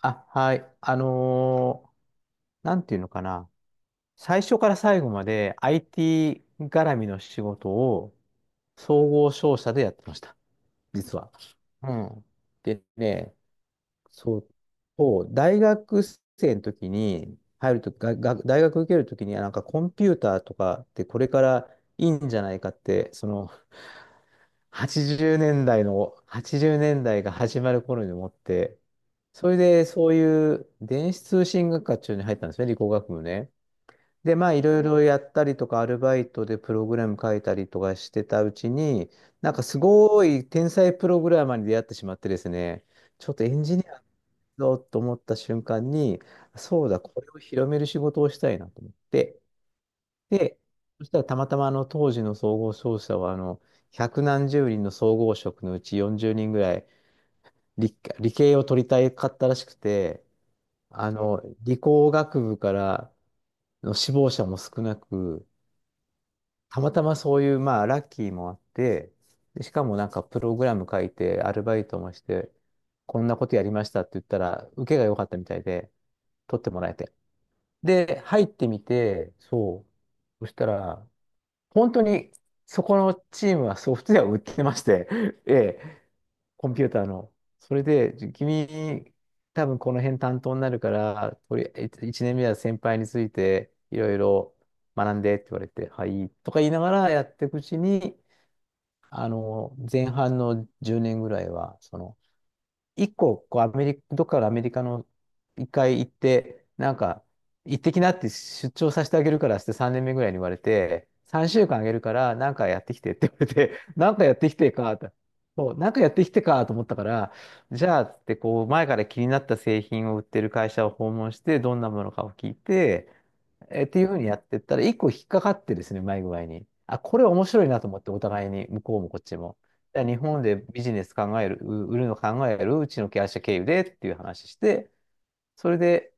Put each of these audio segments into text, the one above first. あ、はい。なんていうのかな。最初から最後まで IT 絡みの仕事を総合商社でやってました。実は。うん。でね、そう、そう、大学生の時に入ると、大学受ける時に、あなんかコンピューターとかってこれからいいんじゃないかって、その80年代の、80年代が始まる頃に思って、それでそういう電子通信学科中に入ったんですね、理工学部ね。で、まあいろいろやったりとか、アルバイトでプログラム書いたりとかしてたうちに、なんかすごい天才プログラマーに出会ってしまってですね、ちょっとエンジニアだと思った瞬間に、そうだ、これを広める仕事をしたいなと思って、で、そしたらたまたまあの当時の総合商社はあの百何十人の総合職のうち40人ぐらい理系を取りたいかったらしくて、あの理工学部からの志望者も少なく、たまたまそういうまあラッキーもあって、でしかもなんかプログラム書いてアルバイトもして、こんなことやりましたって言ったら受けが良かったみたいで取ってもらえて。で、入ってみて、そう。そしたら、本当にそこのチームはソフトウェアを売ってまして、ええ、コンピューターの。それで、じ君、多分この辺担当になるから、とりあえず1年目は先輩についていろいろ学んでって言われて、はい、とか言いながらやっていくうちに、あの、前半の10年ぐらいは、その、一個、こう、アメリカ、どっかのアメリカの一回行って、なんか、行ってきなって出張させてあげるからって3年目ぐらいに言われて、3週間あげるから、なんかやってきてって言われて、なんかやってきてか、と。そう、なんかやってきてかと思ったから、じゃあ、つってこう、前から気になった製品を売ってる会社を訪問して、どんなものかを聞いて、っていうふうにやってったら、一個引っかかってですね、うまい具合に。あ、これ面白いなと思って、お互いに、向こうもこっちも。や日本でビジネス考える、う売るの考える、うちの会社経由でっていう話して、それで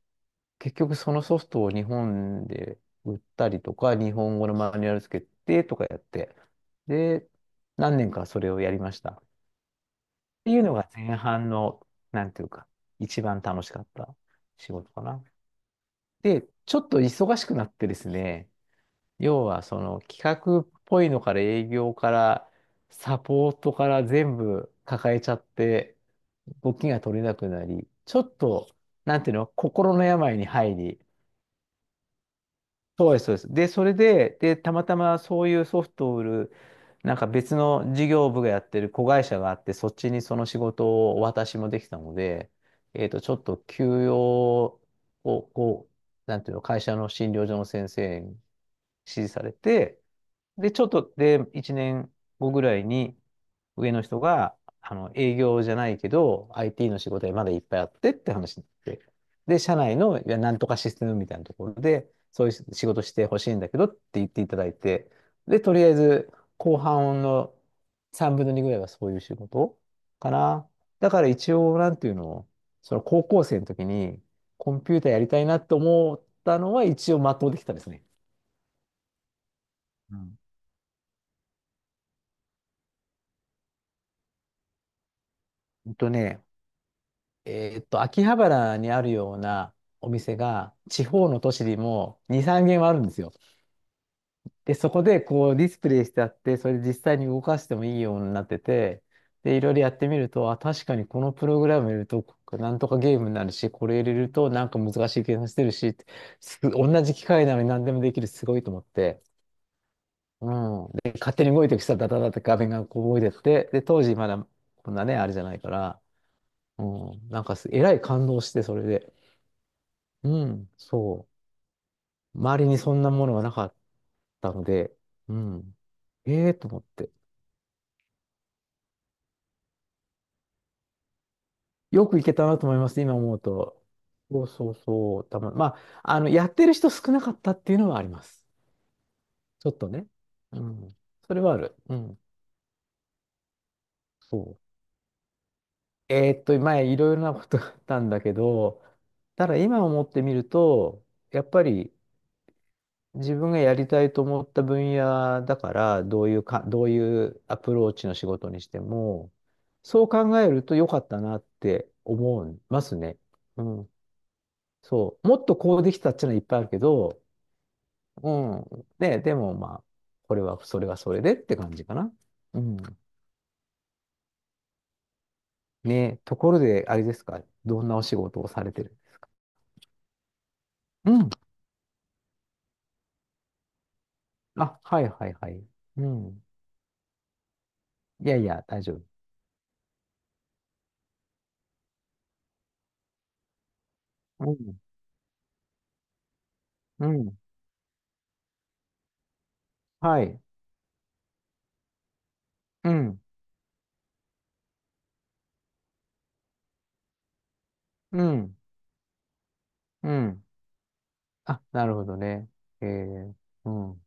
結局そのソフトを日本で売ったりとか、日本語のマニュアルつけてとかやって、で、何年かそれをやりました。っていうのが前半の、なんていうか、一番楽しかった仕事かな。で、ちょっと忙しくなってですね、要はその企画っぽいのから営業からサポートから全部抱えちゃって動きが取れなくなり、ちょっと、なんていうの、心の病に入り、そうです、そうです。で、それで、たまたまそういうソフトを売る、なんか別の事業部がやってる子会社があって、そっちにその仕事をお渡しもできたので、えっと、ちょっと休養を、こう、なんていうの、会社の診療所の先生指示されて、で、ちょっとで、1年後ぐらいに上の人が、あの、営業じゃないけど、IT の仕事がまだいっぱいあってって話になって、で、社内の、なんとかシステムみたいなところで、そういう仕事してほしいんだけどって言っていただいて、で、とりあえず、後半の3分の2ぐらいはそういう仕事かな。だから一応、なんていうの、その高校生の時に、コンピューターやりたいなと思ったのは、一応全うできたですね。うんうんとね、秋葉原にあるようなお店が、地方の都市にも2、3軒はあるんですよ。で、そこでこうディスプレイしてあって、それで実際に動かしてもいいようになってて、で、いろいろやってみると、あ、確かにこのプログラム入れると、なんとかゲームになるし、これ入れるとなんか難しい計算してるしって、同じ機械なのに何でもできる、すごいと思って。うん。で、勝手に動いていく人はダダダって画面がこう動いてって、で、当時まだこんなね、あれじゃないから、うん、なんかす、えらい感動して、それで。うん、そう。周りにそんなものがなかったので、うん。ええと思って。よく行けたなと思います、今思うと。そう、まあ、あの、やってる人少なかったっていうのはあります。ちょっとね。うん。それはある。うん。そう。前、いろいろなことがあったんだけど、ただ今思ってみると、やっぱり、自分がやりたいと思った分野だから、どういうアプローチの仕事にしても、そう考えると良かったなって思いますね。うん。そう。もっとこうできたっていうのはいっぱいあるけど、うん。ね、でもまあ、これは、それはそれでって感じかな。うん。ね、ところで、あれですか、どんなお仕事をされてるんですか？うん。あ、はいはいはい。うん。いやいや、大丈夫。うん。うん。はい。うん。うん。うん。あ、なるほどね。えー、うん、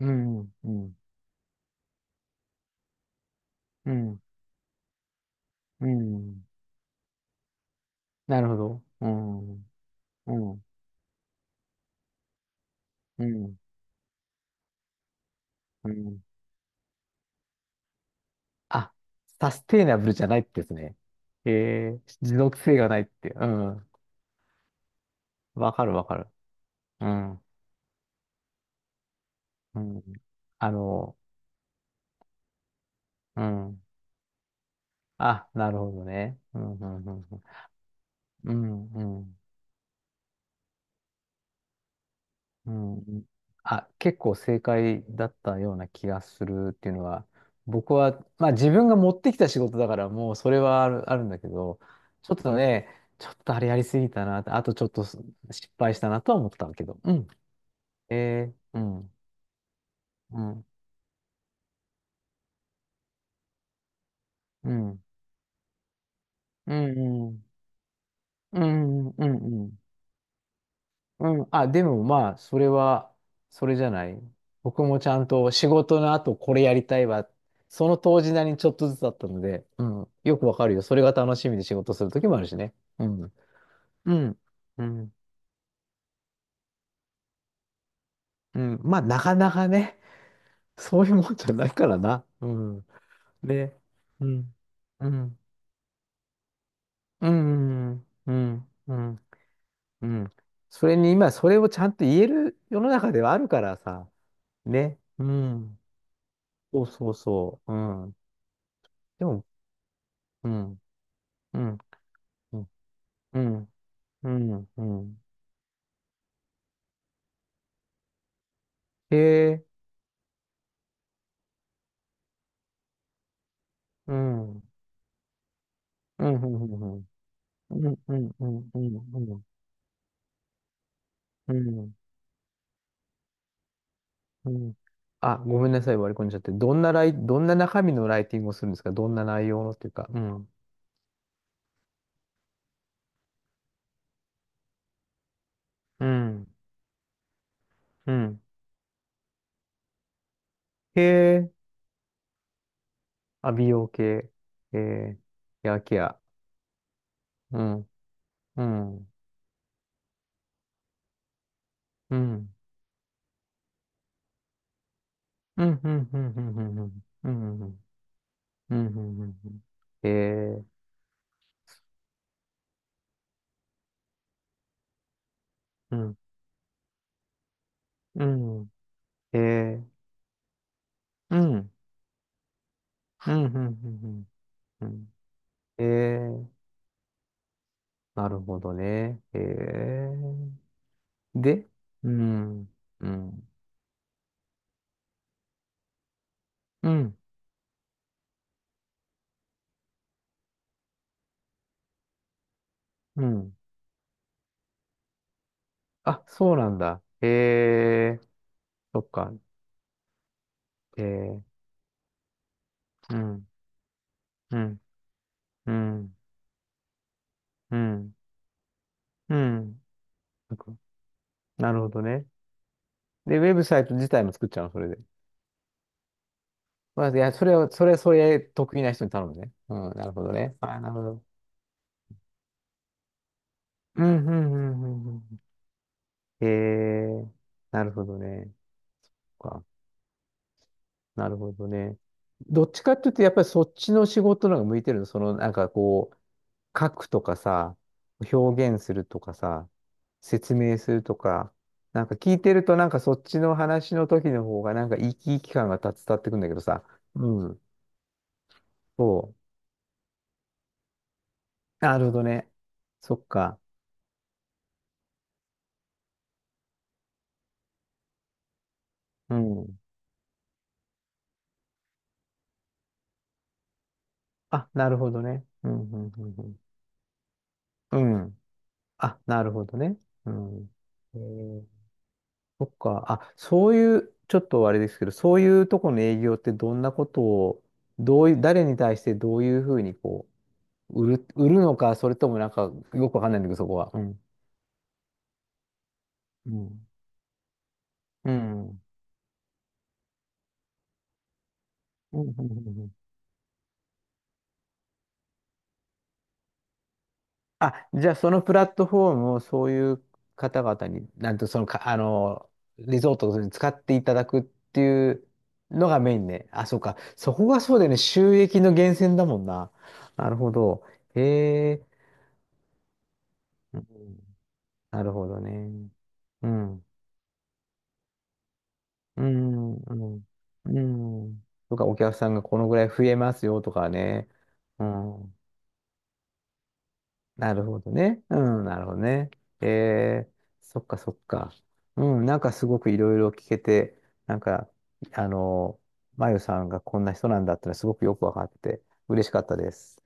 うん、うん、うん、うん。なるほど。うん、うん、うん、うん。あ、サステイナブルじゃないってですね。えー、持続性がないって。うん。わかるわかる。うん、うん。あの、うん。あ、なるほどね。うん、うん、うん、うん。うん、うん。うん。あ、結構正解だったような気がするっていうのは、僕は、まあ自分が持ってきた仕事だからもうそれはある、あるんだけど、ちょっとね、ちょっとあれやりすぎたな、あとちょっと失敗したなとは思ったけど、うん。えー、うん、うん、うん、うん、うん、うん、うん、うん、うん。うん。あ、でもまあ、それは、それじゃない。僕もちゃんと仕事の後これやりたいわ。その当時なりにちょっとずつだったので、うん。よくわかるよ。それが楽しみで仕事する時もあるしね。うん。うん。うん。うん。まあ、なかなかね、そういうもんじゃないからな。うん。で、うん。うん。うん。うん。うん。うん。それに今、それをちゃんと言える世の中ではあるからさ。ね。うん。そうそうそう。うん。でもうん、うん、うん、うん、うん、うん。へえ、うん、うん、うん、うん、うん、うん、うん、うん、うん、うん。うんあ、ごめんなさい、割り込んじゃって。どんな中身のライティングをするんですか？どんな内容のっていうか。うん、うん、うん。へえ、あ、美容系。へえ、ヘアケア。うん、うん、うん、うん、うん、うん、うん、うん、うん、うん、うん、うん、うん、うん。へえ、うん、うん、へえ、うん。うん、うん、うん、うん。うんえー、なるほどね。えー、で、うん、うん、うん、うん。あ、そうなんだ。えー、そっか。えー、うん、うん、うん、うん、うん。なんかなるほどね。で、ウェブサイト自体も作っちゃうの、それで。まあ、いや、それを、それ、それ、得意な人に頼むね。うん、なるほどね。あ、なるほど。うん、うん、うん、うん。うんえー、なるほどね。なるほどね。どっちかっていうと、やっぱりそっちの仕事の方が向いてるの。その、なんかこう、書くとかさ、表現するとかさ、説明するとか、なんか聞いてると、なんかそっちの話の時の方が、なんか生き生き感が伝わってくるんだけどさ。うん。そう。なるほどね。そっか。うん。あ、なるほどね。うん、うん、うん、うん。うん。あ、なるほどね。うん。えーそっか。あ、そういう、ちょっとあれですけど、そういうとこの営業ってどんなことを、どういう、誰に対してどういうふうにこう、売るのか、それともなんか、よくわかんないんだけど、そこは。うん。うん。うん。うんうんうんうんあ、じゃあそのプラットフォームをそういう方々に、なんとそのか、あの、リゾートに使っていただくっていうのがメインね。あ、そうか。そこがそうだよね。収益の源泉だもんな。なるほど。へえ。うんなるほどね。うん。うん。うん。うん。とか、お客さんがこのぐらい増えますよとかね。うん。なるほどね。うん。なるほどね。えー、そっかそっか。うん。なんかすごくいろいろ聞けて、なんか、あの、まゆさんがこんな人なんだってのはすごくよくわかって、嬉しかったです。